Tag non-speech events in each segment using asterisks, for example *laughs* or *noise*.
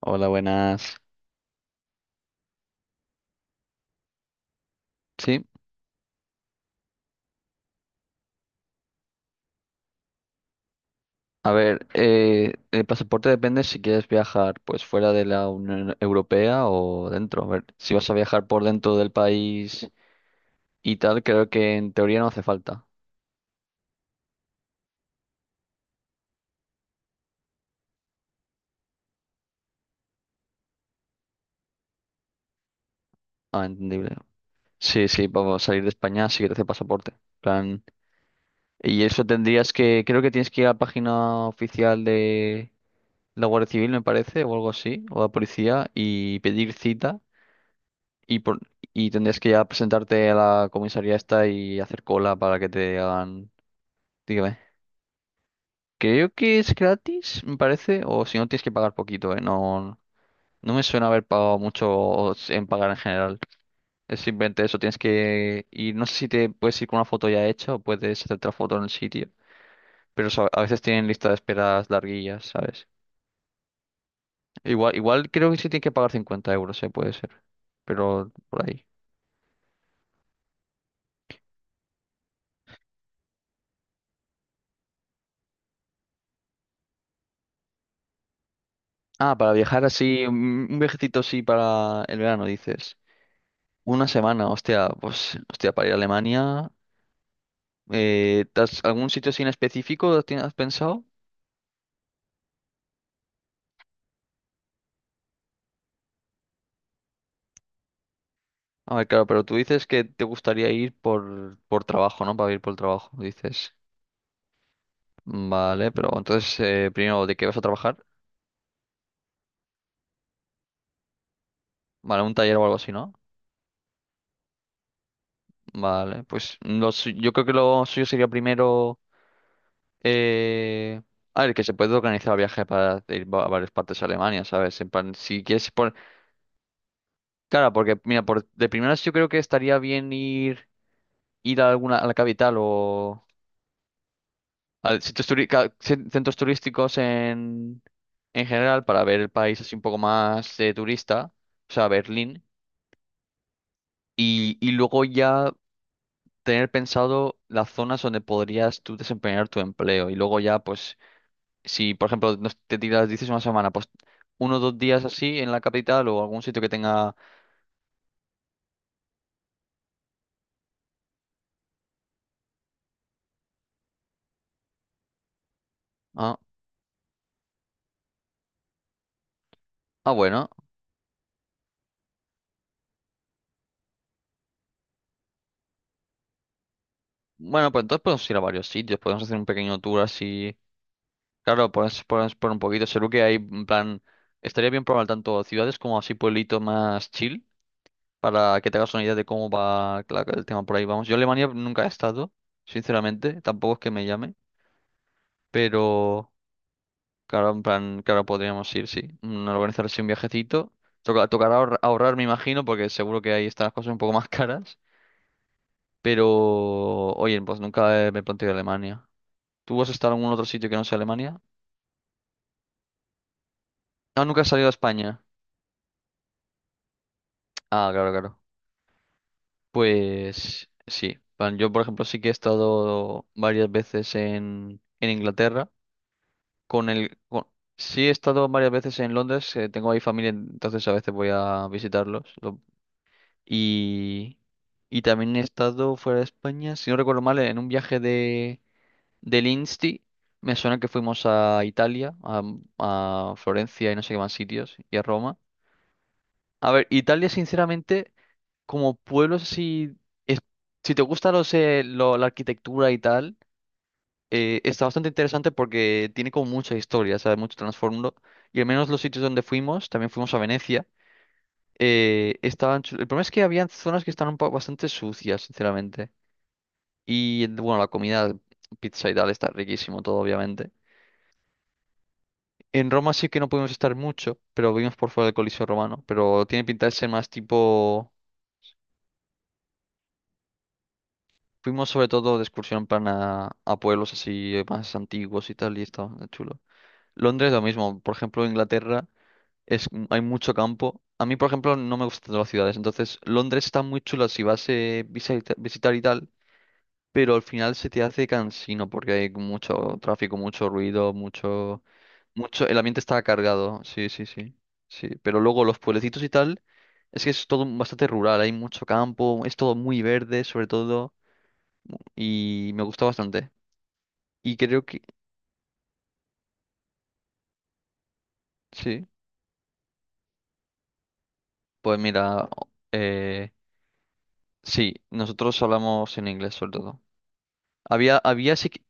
Hola, buenas. Sí, a ver, el pasaporte depende si quieres viajar pues fuera de la Unión Europea o dentro. A ver, si vas a viajar por dentro del país y tal, creo que en teoría no hace falta. Ah, entendible. Sí, sí, vamos a salir de España, sí que te hace pasaporte. Plan. Y eso tendrías que, creo que tienes que ir a la página oficial de la Guardia Civil, me parece, o algo así, o la policía, y pedir cita. Y, por, y tendrías que ya presentarte a la comisaría esta y hacer cola para que te hagan... Dígame. Creo que es gratis, me parece, o si no tienes que pagar poquito, ¿eh? No, no me suena haber pagado mucho o en pagar en general. Es simplemente eso, tienes que ir, no sé si te puedes ir con una foto ya hecha o puedes hacer otra foto en el sitio, pero a veces tienen lista de esperas larguillas, ¿sabes? Igual, igual creo que sí tienes que pagar 50 euros, ¿eh? Puede ser, pero por ahí. Ah, para viajar así, un viajecito así para el verano, dices. Una semana, hostia, pues, hostia, para ir a Alemania. ¿ Algún sitio así en específico has pensado? A ver, claro, pero tú dices que te gustaría ir por trabajo, ¿no? Para ir por el trabajo, dices. Vale, pero entonces, primero, ¿de qué vas a trabajar? Vale, un taller o algo así, ¿no? Vale, pues yo creo que lo suyo sería primero... Eh, a ver, que se puede organizar el viaje para ir a varias partes de Alemania, ¿sabes? En plan, si quieres. Claro, porque mira, de primeras yo creo que estaría bien ir, ir a alguna, a la capital o a sitios centros turísticos en general para ver el país así un poco más, turista, o sea, Berlín, y luego ya tener pensado las zonas donde podrías tú desempeñar tu empleo. Y luego ya, pues, si por ejemplo te tiras, dices una semana, pues 1 o 2 días así en la capital o algún sitio que tenga... Ah, ah, bueno. Bueno, pues entonces podemos ir a varios sitios, podemos hacer un pequeño tour así. Claro, podemos por un poquito. Seguro que hay, en plan, estaría bien probar tanto ciudades como así pueblitos más chill, para que te hagas una idea de cómo va el tema por ahí. Vamos, yo a Alemania nunca he estado, sinceramente, tampoco es que me llame, pero claro, en plan, claro, podríamos ir, sí. Organizar así un viajecito. Tocará ahorrar, me imagino, porque seguro que ahí están las cosas un poco *laughs* más caras. Pero, oye, pues nunca me he planteado Alemania. ¿Tú has estado en algún otro sitio que no sea Alemania? Ah, nunca has salido a España. Ah, claro, claro. Pues sí. Bueno, yo, por ejemplo, sí que he estado varias veces en Inglaterra. Con el, con- Sí he estado varias veces en Londres. Tengo ahí familia, entonces a veces voy a visitarlos. Y, y también he estado fuera de España, si no recuerdo mal, en un viaje del Insti. Me suena que fuimos a Italia, a Florencia y no sé qué más sitios, y a Roma. A ver, Italia, sinceramente, como pueblo, si, es- si te gusta la arquitectura y tal, está bastante interesante porque tiene como mucha historia, ¿sabes? Mucho trasfondo. Y al menos los sitios donde fuimos, también fuimos a Venecia, el problema es que había zonas que estaban bastante sucias, sinceramente. Y bueno, la comida, pizza y tal, está riquísimo todo, obviamente. En Roma sí que no pudimos estar mucho, pero vimos por fuera del Coliseo Romano, pero tiene pinta de ser más tipo... Fuimos sobre todo de excursión plan a pueblos así, más antiguos y tal, y estaba chulo. Londres lo mismo, por ejemplo, Inglaterra hay mucho campo. A mí, por ejemplo, no me gustan tanto las ciudades, entonces Londres está muy chulo si vas a visitar y tal, pero al final se te hace cansino porque hay mucho tráfico, mucho ruido, mucho, mucho, el ambiente está cargado, sí, sí, sí, sí. Pero luego los pueblecitos y tal, es que es todo bastante rural, hay mucho campo, es todo muy verde, sobre todo, y me gusta bastante. Y creo que sí, pues mira, eh, sí, nosotros hablamos en inglés sobre todo. Había sí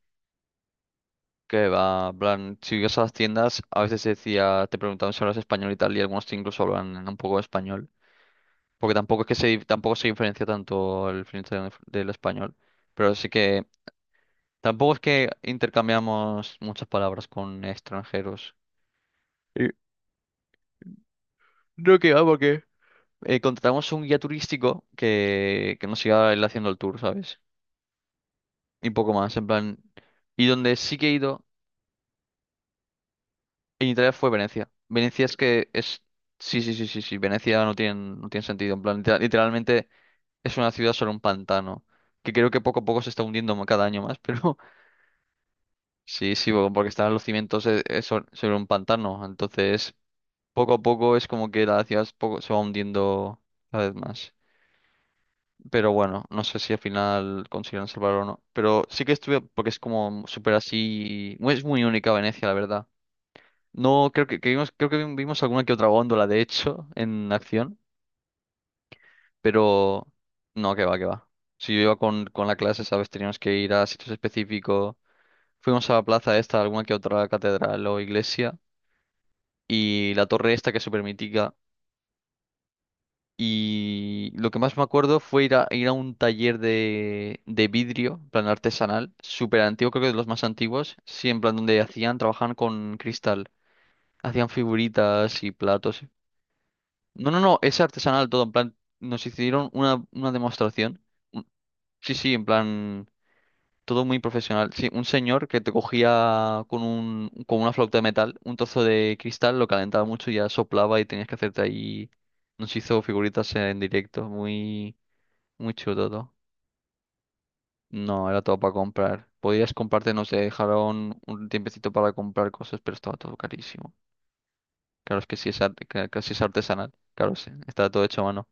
que va, en plan, si ibas a las tiendas, a veces se decía, te preguntaban si hablas español y tal, y algunos te incluso hablan en un poco de español, porque tampoco es que tampoco se diferencia tanto el francés del español, pero sí que tampoco es que intercambiamos muchas palabras con extranjeros. Y No que va, porque contratamos un guía turístico que nos iba él haciendo el tour, ¿sabes? Y poco más, en plan. Y donde sí que he ido en Italia fue Venecia. Venecia es que es. Sí, sí, sí, sí, sí. Venecia no tiene, no tiene sentido. En plan, literalmente es una ciudad sobre un pantano. Que creo que poco a poco se está hundiendo cada año más, pero *laughs* sí, sí, porque están los cimientos, sobre un pantano. Entonces, poco a poco es como que la ciudad se va hundiendo cada vez más. Pero bueno, no sé si al final consiguen salvarlo o no. Pero sí que estuve, porque es como súper así. Es muy única Venecia, la verdad. No, creo que vimos, creo que vimos alguna que otra góndola, de hecho, en acción, pero no, que va, que va. Si yo iba con la clase, ¿sabes? Teníamos que ir a sitios específicos. Fuimos a la plaza esta, alguna que otra catedral o iglesia, y la torre esta que es súper mítica. Y lo que más me acuerdo fue ir a un taller de vidrio, en plan artesanal, súper antiguo, creo que de los más antiguos, sí, en plan donde hacían, trabajaban con cristal, hacían figuritas y platos. No, no, no, es artesanal todo, en plan, nos hicieron una demostración. Un- Sí, sí, en plan, todo muy profesional. Sí, un señor que te cogía con una flauta de metal, un trozo de cristal, lo calentaba mucho y ya soplaba y tenías que hacerte ahí. Nos hizo figuritas en directo, muy, muy chulo todo. No, era todo para comprar. Podías comprarte, no sé dejaron un tiempecito para comprar cosas, pero estaba todo carísimo. Claro, es que sí es, que si es artesanal, claro, sí, estaba todo hecho a mano.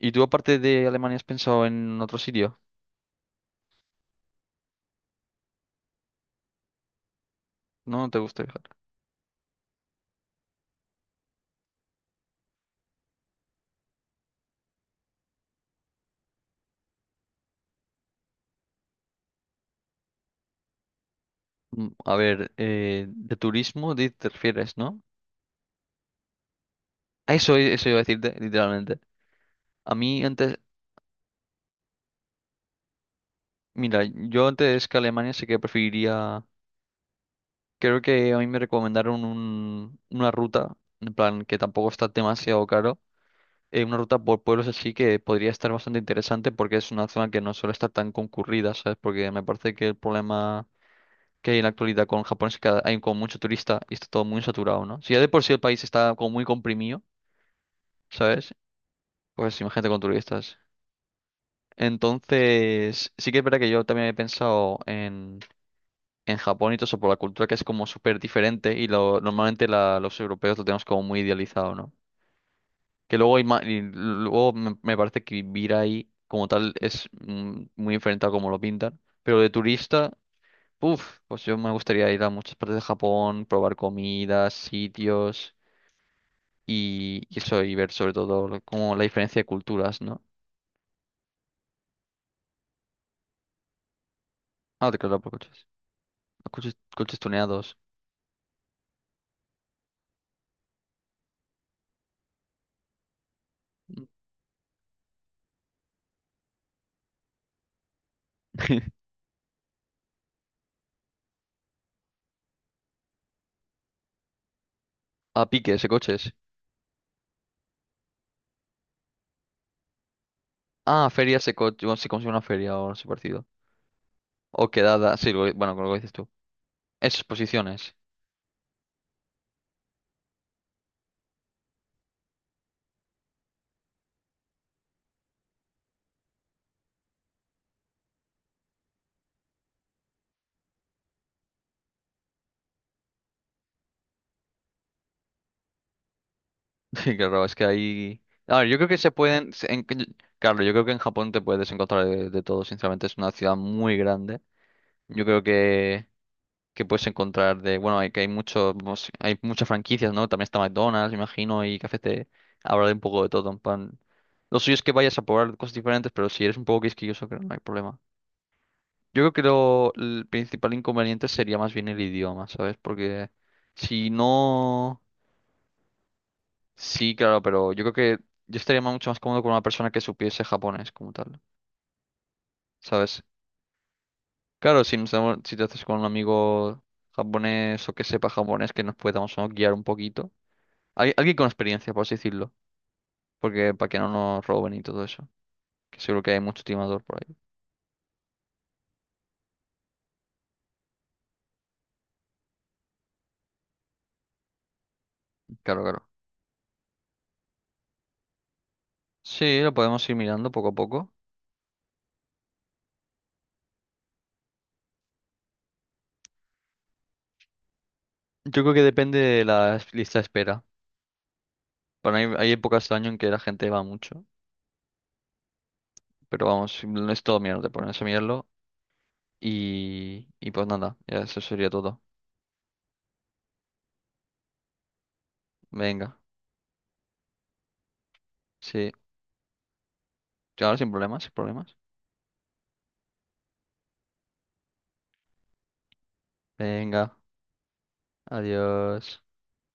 ¿Y tú aparte de Alemania has pensado en otro sitio? ¿No? ¿Te gusta viajar? A ver, de turismo te refieres, ¿no? A Eso, eso iba a decirte, literalmente. A mí antes, mira, yo antes que Alemania sí que preferiría, creo que a mí me recomendaron una ruta, en plan que tampoco está demasiado caro, una ruta por pueblos así que podría estar bastante interesante porque es una zona que no suele estar tan concurrida, ¿sabes? Porque me parece que el problema que hay en la actualidad con Japón es que hay como mucho turista y está todo muy saturado, ¿no? Si ya de por sí el país está como muy comprimido, ¿sabes? Pues imagínate con turistas. Entonces, sí que es verdad que yo también he pensado en Japón y todo eso por la cultura que es como súper diferente y normalmente los europeos lo tenemos como muy idealizado, ¿no? Que luego, y luego me parece que vivir ahí como tal es, muy diferente a como lo pintan, pero de turista... Uf, pues yo me gustaría ir a muchas partes de Japón, probar comidas, sitios y eso, y ver sobre todo como la diferencia de culturas, ¿no? Ah, te claro, por coches. Coches, coches tuneados. *laughs* A piques de coches. Ah, ferias de coches. Bueno, sí, como si fuera una feria o algo así parecido. O quedadas, sí, lo bueno, con lo que dices tú. Exposiciones. *laughs* Sí, claro, es que ahí. A ver, yo creo que se pueden. Claro, yo creo que en Japón te puedes encontrar de todo, sinceramente. Es una ciudad muy grande. Yo creo que puedes encontrar de, bueno, hay que hay muchos, vamos, hay muchas franquicias, ¿no? También está McDonald's, imagino, y cafés de hablar un poco de todo, en plan. Lo suyo es que vayas a probar cosas diferentes, pero si eres un poco quisquilloso, creo que no hay problema. Yo creo que el principal inconveniente sería más bien el idioma, ¿sabes? Porque si no, sí, claro, pero yo creo que yo estaría mucho más cómodo con una persona que supiese japonés como tal, ¿sabes? Claro, si, si te haces con un amigo japonés o que sepa japonés, que nos podamos, ¿no? guiar un poquito. Alguien con experiencia, por así decirlo. Porque para que no nos roben y todo eso. Que seguro que hay mucho timador por ahí. Claro, claro. Sí, lo podemos ir mirando poco a poco. Yo creo que depende de la lista de espera. Para mí hay épocas del año en que la gente va mucho. Pero vamos, no es todo mierda, te pones a mirarlo. Y pues nada, ya eso sería todo. Venga, sí. Claro, sin problemas, sin problemas. Venga, adiós.